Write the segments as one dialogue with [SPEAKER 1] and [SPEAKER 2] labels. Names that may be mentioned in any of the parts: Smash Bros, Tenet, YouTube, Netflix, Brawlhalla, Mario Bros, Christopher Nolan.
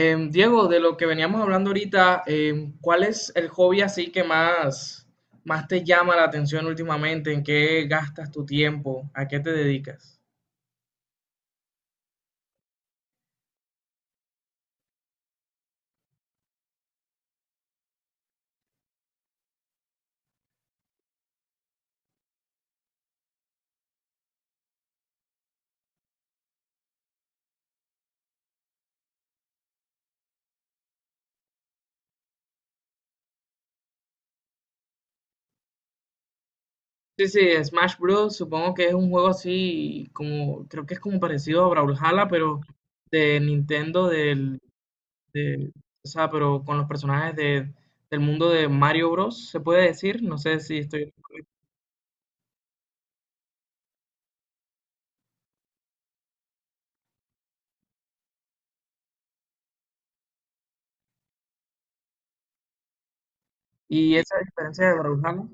[SPEAKER 1] Diego, de lo que veníamos hablando ahorita, ¿cuál es el hobby así que más te llama la atención últimamente? ¿En qué gastas tu tiempo? ¿A qué te dedicas? Sí, sí, Smash Bros. Supongo que es un juego así como, creo que es como parecido a Brawlhalla, pero de Nintendo, de, o sea, pero con los personajes del mundo de Mario Bros. Se puede decir, no sé si estoy. Y esa diferencia de Brawlhalla,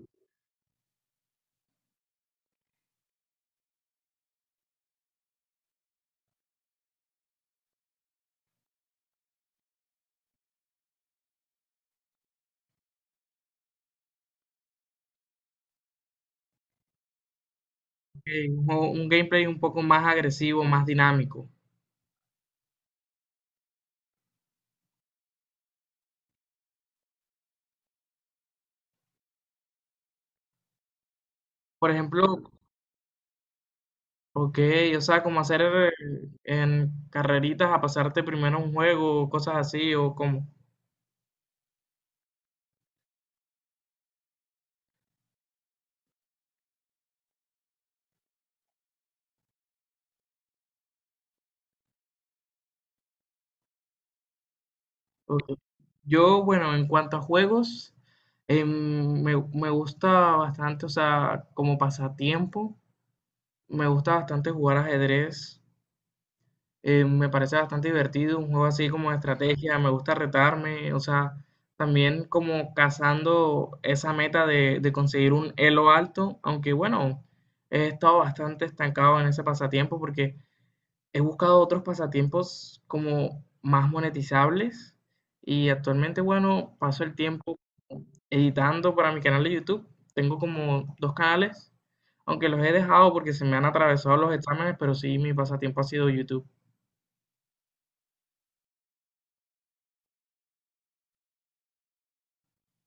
[SPEAKER 1] que es un gameplay un poco más agresivo, más dinámico. Por ejemplo, ok, o sea, como hacer en carreritas a pasarte primero un juego, o cosas así, o como. Ok. Yo, bueno, en cuanto a juegos, me gusta bastante, o sea, como pasatiempo, me gusta bastante jugar ajedrez. Me parece bastante divertido, un juego así como de estrategia, me gusta retarme, o sea, también como cazando esa meta de conseguir un elo alto, aunque bueno, he estado bastante estancado en ese pasatiempo porque he buscado otros pasatiempos como más monetizables y actualmente, bueno, paso el tiempo editando para mi canal de YouTube. Tengo como dos canales, aunque los he dejado porque se me han atravesado los exámenes, pero sí, mi pasatiempo ha sido YouTube.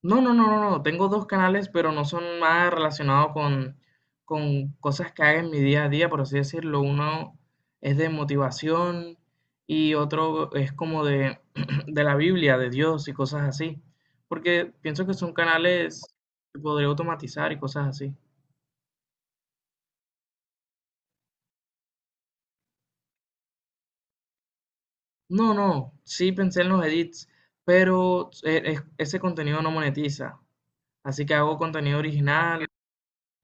[SPEAKER 1] No, no, no, no, no. Tengo dos canales, pero no son nada relacionados con cosas que haga en mi día a día, por así decirlo. Uno es de motivación y otro es como de la Biblia, de Dios y cosas así. Porque pienso que son canales que podría automatizar y cosas así. No, no, sí pensé en los edits, pero ese contenido no monetiza. Así que hago contenido original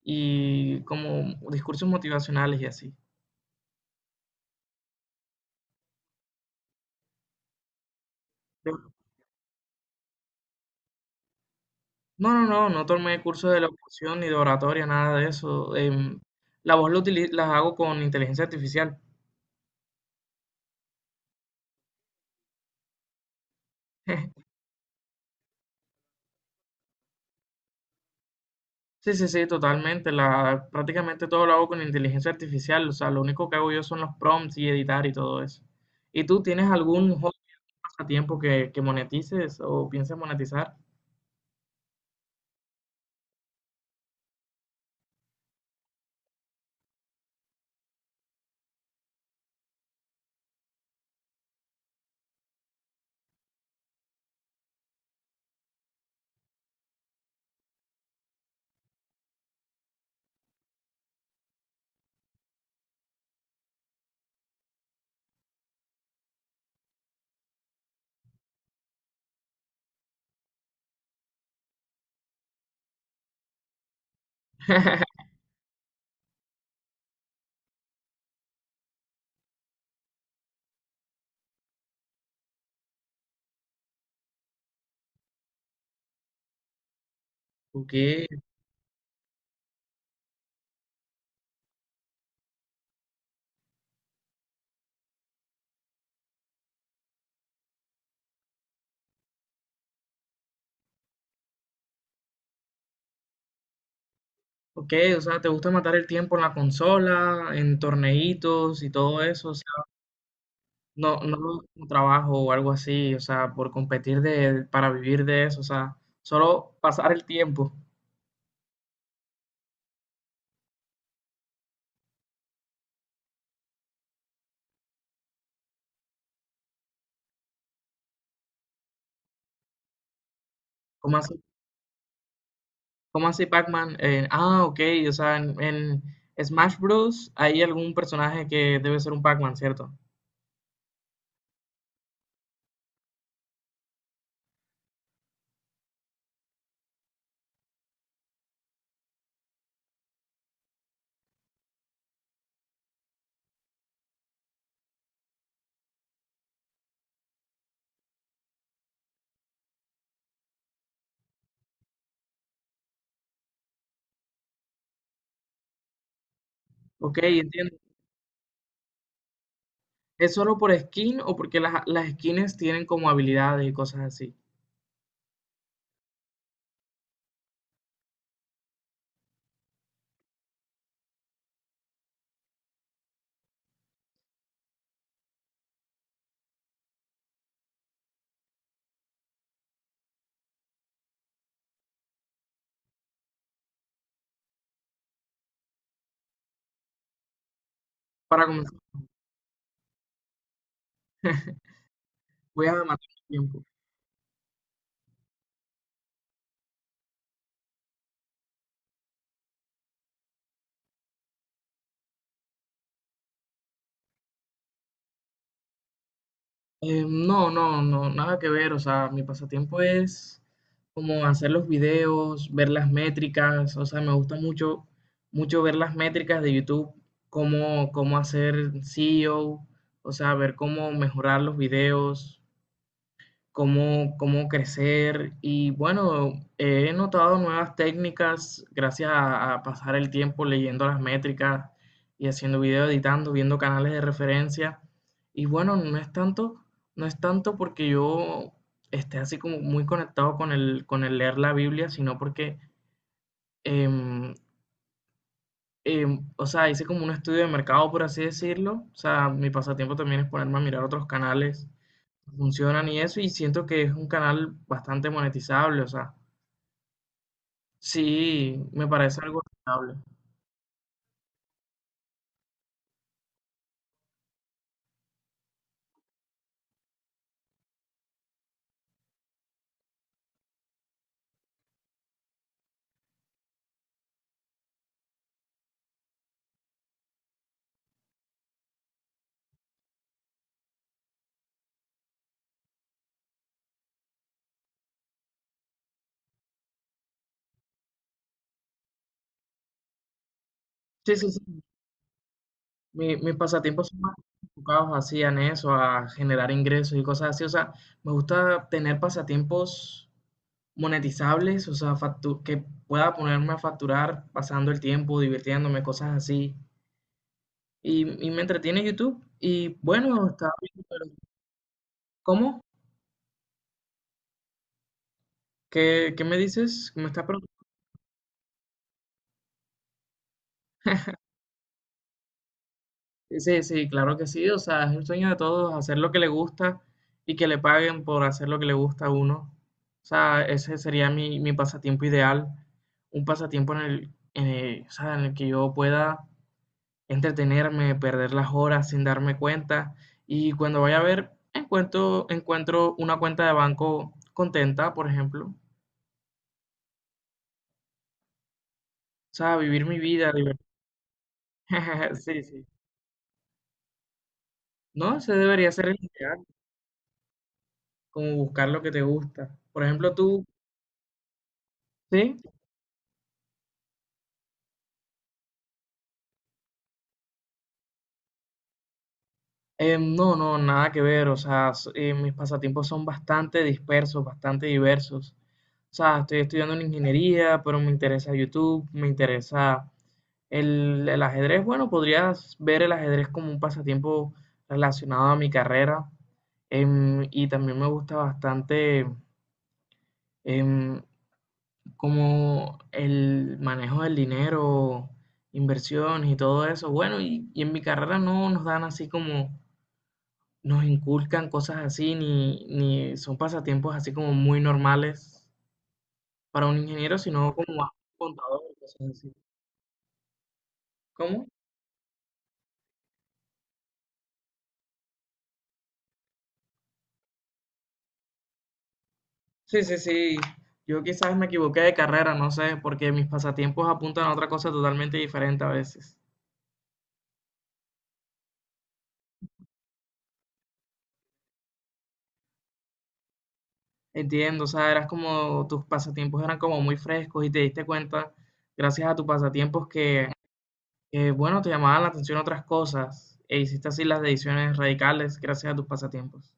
[SPEAKER 1] y como discursos motivacionales y así. No, no, no, no tomé cursos de locución ni de oratoria, nada de eso. La voz la utili- la hago con inteligencia artificial. Sí, sí, sí, totalmente. La, prácticamente todo lo hago con inteligencia artificial. O sea, lo único que hago yo son los prompts y editar y todo eso. ¿Y tú tienes algún hobby pasatiempo que monetices o piensas monetizar? Ok, ok, o sea, ¿te gusta matar el tiempo en la consola, en torneitos y todo eso? No, no como trabajo o algo así, o sea, por competir para vivir de eso, o sea, solo pasar el tiempo. ¿Cómo así, ¿Cómo así Pac-Man? Ok, o sea, en Smash Bros. Hay algún personaje que debe ser un Pac-Man, ¿cierto? Ok, entiendo. ¿Es solo por skin o porque las skins tienen como habilidades y cosas así? Para comenzar, voy a matar el tiempo. No, no, no, nada que ver. O sea, mi pasatiempo es como hacer los videos, ver las métricas. O sea, me gusta mucho ver las métricas de YouTube, cómo hacer SEO, o sea, ver cómo mejorar los videos cómo crecer. Y bueno, he notado nuevas técnicas gracias a pasar el tiempo leyendo las métricas y haciendo video, editando, viendo canales de referencia. Y bueno, no es tanto porque yo esté así como muy conectado con con el leer la Biblia, sino porque, em, o sea, hice como un estudio de mercado, por así decirlo. O sea, mi pasatiempo también es ponerme a mirar otros canales funcionan y eso, y siento que es un canal bastante monetizable, o sea, sí, me parece algo rentable. Sí, sí, sí, mis pasatiempos son más enfocados así en eso, a generar ingresos y cosas así, o sea, me gusta tener pasatiempos monetizables, o sea, que pueda ponerme a facturar pasando el tiempo, divirtiéndome, cosas así, y me entretiene YouTube, y bueno, está bien, pero ¿Cómo? Qué me dices? ¿Me estás preguntando? Sí, sí, claro que sí. O sea, es el sueño de todos, hacer lo que le gusta y que le paguen por hacer lo que le gusta a uno. O sea, ese sería mi pasatiempo ideal. Un pasatiempo en o sea, en el que yo pueda entretenerme, perder las horas sin darme cuenta. Y cuando vaya a ver, encuentro una cuenta de banco contenta, por ejemplo. O sea, vivir mi vida, Sí, sí. No, ese debería ser el ideal, como buscar lo que te gusta. Por ejemplo, tú, ¿sí? No, no, nada que ver. O sea, mis pasatiempos son bastante dispersos, bastante diversos. O sea, estoy estudiando en ingeniería, pero me interesa YouTube, me interesa el ajedrez. Bueno, podrías ver el ajedrez como un pasatiempo relacionado a mi carrera. Y también me gusta bastante em, como el manejo del dinero, inversiones y todo eso. Bueno, y en mi carrera no nos dan así como nos inculcan cosas así, ni son pasatiempos así como muy normales para un ingeniero, sino como más contador, cosas así. ¿Cómo? Sí, sí, sí. Yo quizás me equivoqué de carrera, no sé, porque mis pasatiempos apuntan a otra cosa totalmente diferente a veces. Entiendo, o sea, eras como, tus pasatiempos eran como muy frescos y te diste cuenta, gracias a tus pasatiempos, que, bueno, te llamaban la atención otras cosas e hiciste así las decisiones radicales gracias a tus pasatiempos.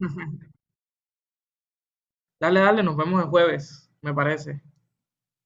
[SPEAKER 1] Dale, dale, nos vemos el jueves, me parece.